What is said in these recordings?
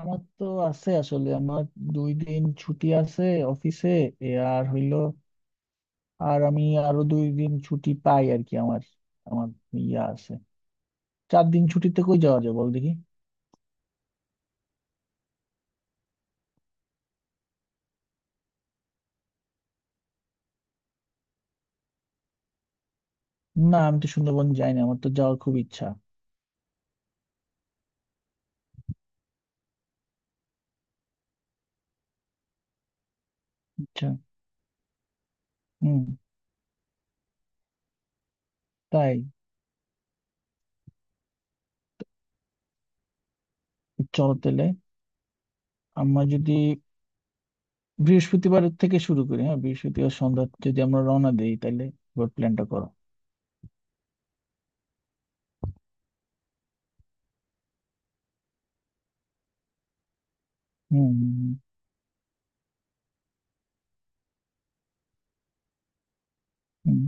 আমার তো আছে আসলে আমার 2 দিন ছুটি আছে অফিসে এ আর হইলো আর আমি আরো 2 দিন ছুটি পাই আর কি আমার আমার ইয়া আছে। 4 দিন ছুটিতে কই যাওয়া যায় বল দেখি? না, আমি তো সুন্দরবন যাই না, আমার তো যাওয়ার খুব ইচ্ছা। আচ্ছা। হুম। তাই। চলো তাহলে আমরা যদি বৃহস্পতিবার থেকে শুরু করি, হ্যাঁ বৃহস্পতিবার সন্ধ্যা যদি আমরা রওনা দেই তাহলে এবার প্ল্যানটা করো। হুম হুম। হুম হুম।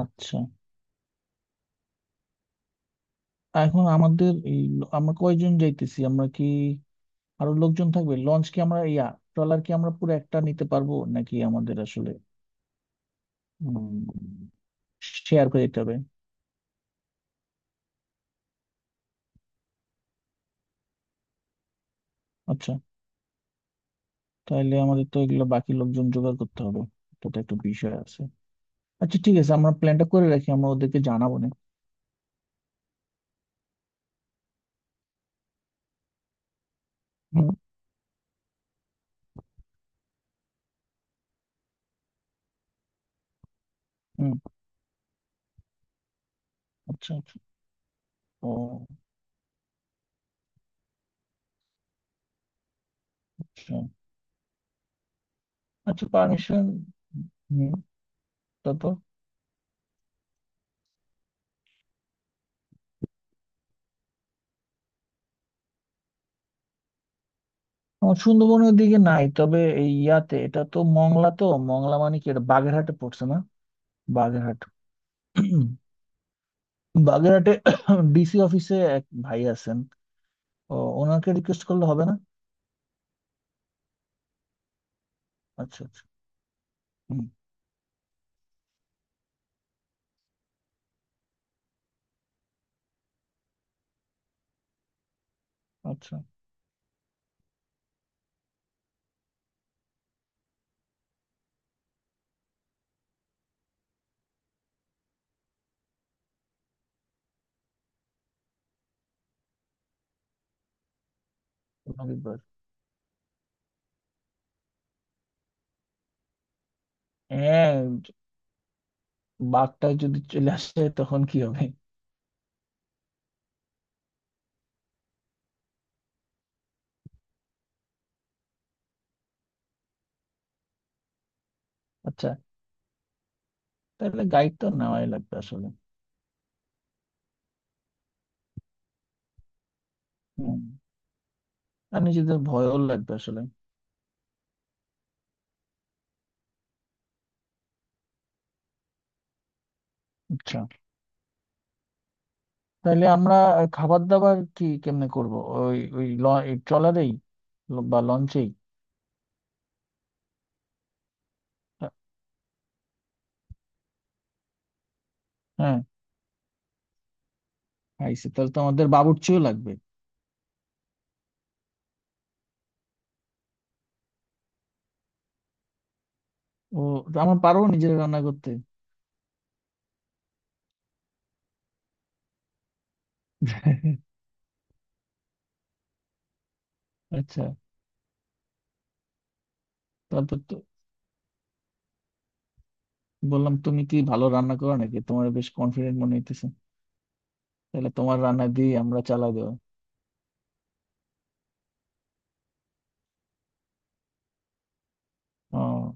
আচ্ছা, এখন আমাদের এই আমরা কয়জন যাইতেছি, আমরা কি আরো লোকজন থাকবে? লঞ্চ কি আমরা ইয়া ট্রলার কি আমরা পুরো একটা নিতে পারবো নাকি আমাদের আসলে শেয়ার করে দিতে হবে? আচ্ছা, তাহলে আমাদের তো এগুলো বাকি লোকজন জোগাড় করতে হবে, এটা তো একটা বিষয় আছে। আচ্ছা ঠিক আছে, আমরা প্ল্যানটা করে রাখি, আমরা ওদেরকে জানাবো না। হুম হুম। আচ্ছা আচ্ছা। ও, আচ্ছা। আচ্ছা পারমিশন। হুম। তারপর। আমার সুন্দরবনের দিকে নাই, তবে এই ইয়াতে এটা তো মংলা তো। মংলা মানে কি এটা বাগেরহাটে পড়ছে না? বাগেরহাট। বাগেরহাটে ডিসি অফিসে এক ভাই আছেন। ও, ওনাকে রিকোয়েস্ট করলে হবে না? আচ্ছা আচ্ছা। হুম। আচ্ছা। রবির বার। হ্যাঁ। বাঘটা যদি চলে আসে তখন কি হবে? আচ্ছা, তাহলে গাইড তো নেওয়াই লাগবে আসলে। হুম। আর নিজেদের ভয়ও লাগবে আসলে। আচ্ছা তাহলে আমরা খাবার দাবার কি কেমনে করব? ওই ওই ল- এই ট্রলারেই বা লঞ্চেই? হ্যাঁ। আইসে তাহলে তো আমাদের বাবুর্চিও লাগবে। ও, আমরা পারবো নিজেরা রান্না করতে? আচ্ছা। তারপর তো বললাম তুমি কি ভালো রান্না করো নাকি, তোমার বেশ কনফিডেন্ট মনে হইতেছে, তাহলে তোমার রান্না দিয়ে আমরা চালা দেবো। ও,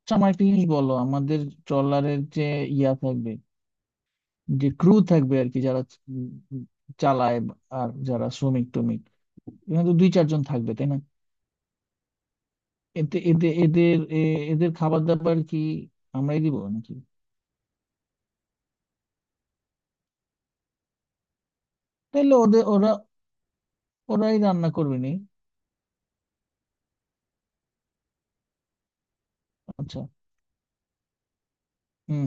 আচ্ছা। আমার একটা জিনিস বলো, আমাদের ট্রলারের যে ইয়া থাকবে, যে ক্রু থাকবে আর কি, যারা উম চালায় আর যারা শ্রমিক টমিক এখানে তো দুই চারজন থাকবে তাই না? এতে এদের এদের এ- এদের খাবার দাবার কি আমরাই দিব নাকি? তাইলে ওদের ওরা ওরাই রান্না করবে নি? আচ্ছা। হুম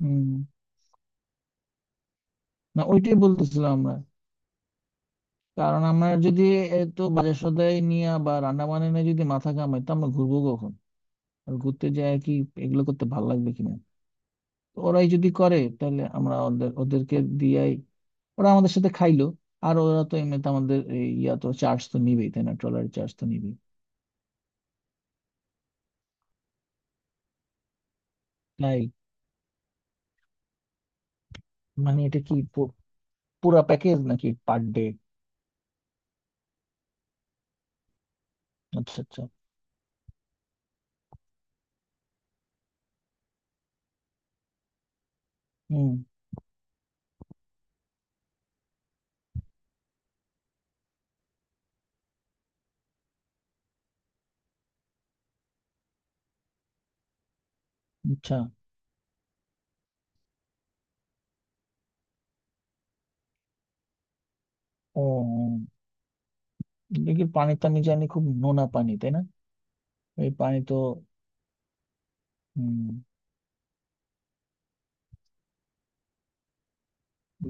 হুম। না, ওইটাই বলতেছিলাম। আমরা, কারণ আমরা যদি এত বাজার সদাই নিয়ে বা রান্না বান্না নিয়ে যদি মাথা ঘামাই তো আমরা ঘুরবো কখন? আর ঘুরতে যায় কি এগুলো করতে ভালো লাগবে কিনা। তো ওরাই যদি করে তাহলে আমরা ওদেরকে দিয়াই ওরা আমাদের সাথে খাইলো। আর ওরা তো এমনিতে আমাদের এই ইয়া তো চার্জ তো নিবেই তাই না, ট্রলারের চার্জ তো নিবেই। তাই মানে এটা কি পুরা প্যাকেজ নাকি পার ডে? আচ্ছা আচ্ছা। হুম। আচ্ছা। ও, দেখি পানি তো আমি জানি খুব নোনা পানি তাই না? এই পানি তো হম।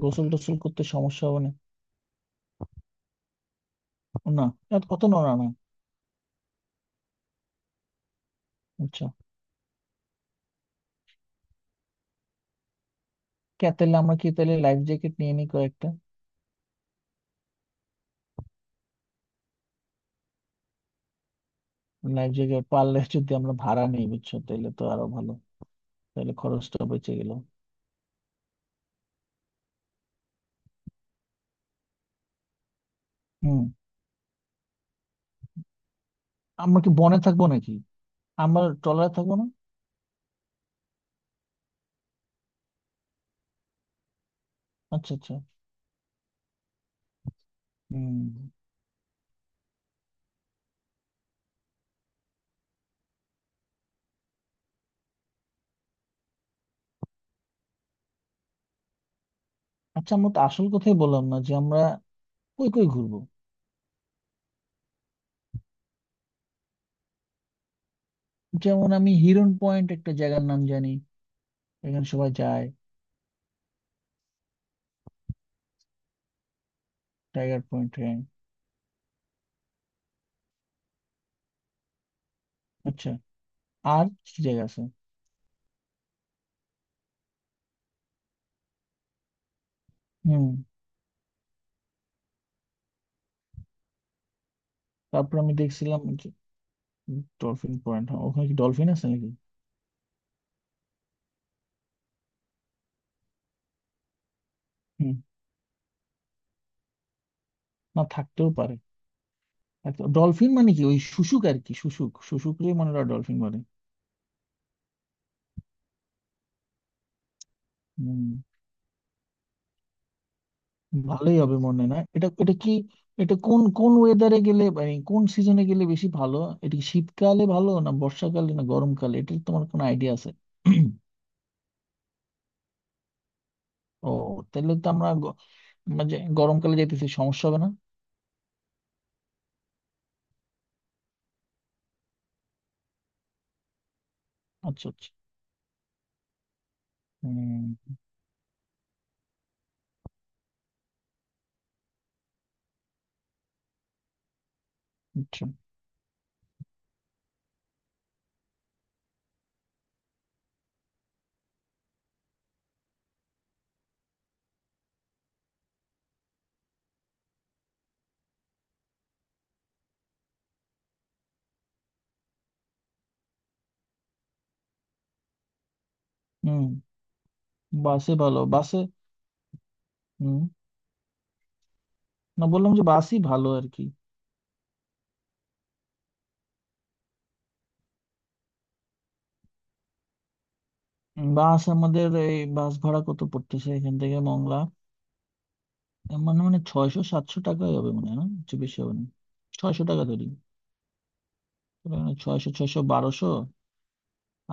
গোসল টোসল করতে সমস্যা হবে না? না, অত নোংরা না। আচ্ছা, কে তাহলে, আমরা কি তাহলে লাইফ জ্যাকেট নিয়ে নিই কয়েকটা? লাইফ জ্যাকেট পারলে যদি আমরা ভাড়া নিই বুঝছো, তাহলে তো আরো ভালো, তাহলে খরচটা বেঁচে গেল। হুম। আমরা কি বনে থাকবো নাকি, আমরা ট্রলারে থাকবো না? আচ্ছা আচ্ছা। হুম। আচ্ছা আমরা তো আসল কথাই বললাম না যে আমরা কই কই ঘুরবো। যেমন আমি হিরন পয়েন্ট একটা জায়গার নাম জানি, এখানে সবাই যায়। টাইগার পয়েন্ট, হ্যাঁ। আচ্ছা, আর কি জায়গা আছে? হুম। তারপর আমি দেখছিলাম যে ডলফিন পয়েন্ট, ওখানে কি ডলফিন আছে নাকি? হুম, না থাকতেও পারে। ডলফিন মানে কি ওই শুশুক আর কি, শুশুককে মনে হয় ডলফিন বলে। হুম, ভালোই হবে মনে। না, এটা এটা কি, এটা কোন কোন ওয়েদারে গেলে, মানে কোন সিজনে গেলে বেশি ভালো, এটা কি শীতকালে ভালো না বর্ষাকালে না গরমকালে, এটার তোমার কোনো আইডিয়া আছে? ও, তাহলে তো আমরা মানে গরমকালে যেতেছি সমস্যা হবে না? আচ্ছা আচ্ছা। হুম। আচ্ছা। হুম। বাসে ভালো, বাসে। হুম। না বললাম যে বাসই ভালো আর কি। বাস আমাদের এই বাস ভাড়া কত পড়তেছে এখান থেকে মংলা? এর মানে মানে 600-700 টাকাই হবে মনে হয়, না কিছু বেশি হবে না। ছয়শো টাকা ধরি। 600 ছয়শো বারোশো।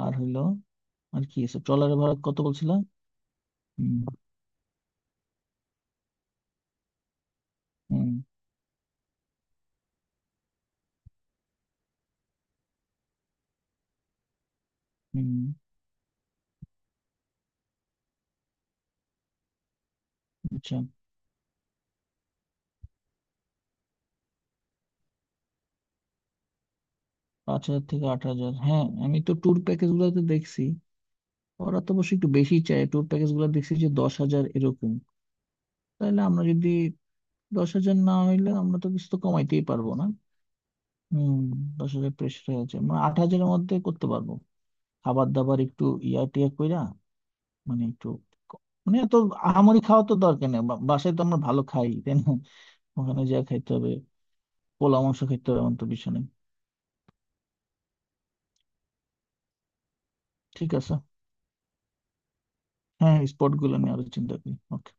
আর হইলো আর কি আছে, ট্রলারের ভাড়া কত বলছিলাম। হুম। হুম। হুম। আচ্ছা। 5,000 থেকে 8,000, হ্যাঁ আমি তো ট্যুর প্যাকেজ গুলোতে দেখছি, ওরা তো অবশ্যই একটু বেশি চায়। ট্যুর প্যাকেজ গুলো দেখছি যে 10,000 এরকম। তাহলে আমরা যদি 10,000 না হইলে আমরা তো কিছু তো কমাইতেই পারবো না। হম। 10,000 প্রেশারে আছে, মানে 8,000-এর মধ্যে করতে পারবো। খাবার দাবার একটু ইয়া টিয়া কইরা, মানে একটু, মানে এত আহামরি খাওয়া তো দরকার নেই। বাসায় তো আমরা ভালো খাই তাই না, ওখানে যা খাইতে হবে পোলা মাংস খাইতে হবে এমন তো বিষয় নেই। ঠিক আছে। হ্যাঁ স্পট গুলো নিয়ে আরো চিন্তা করি, ওকে।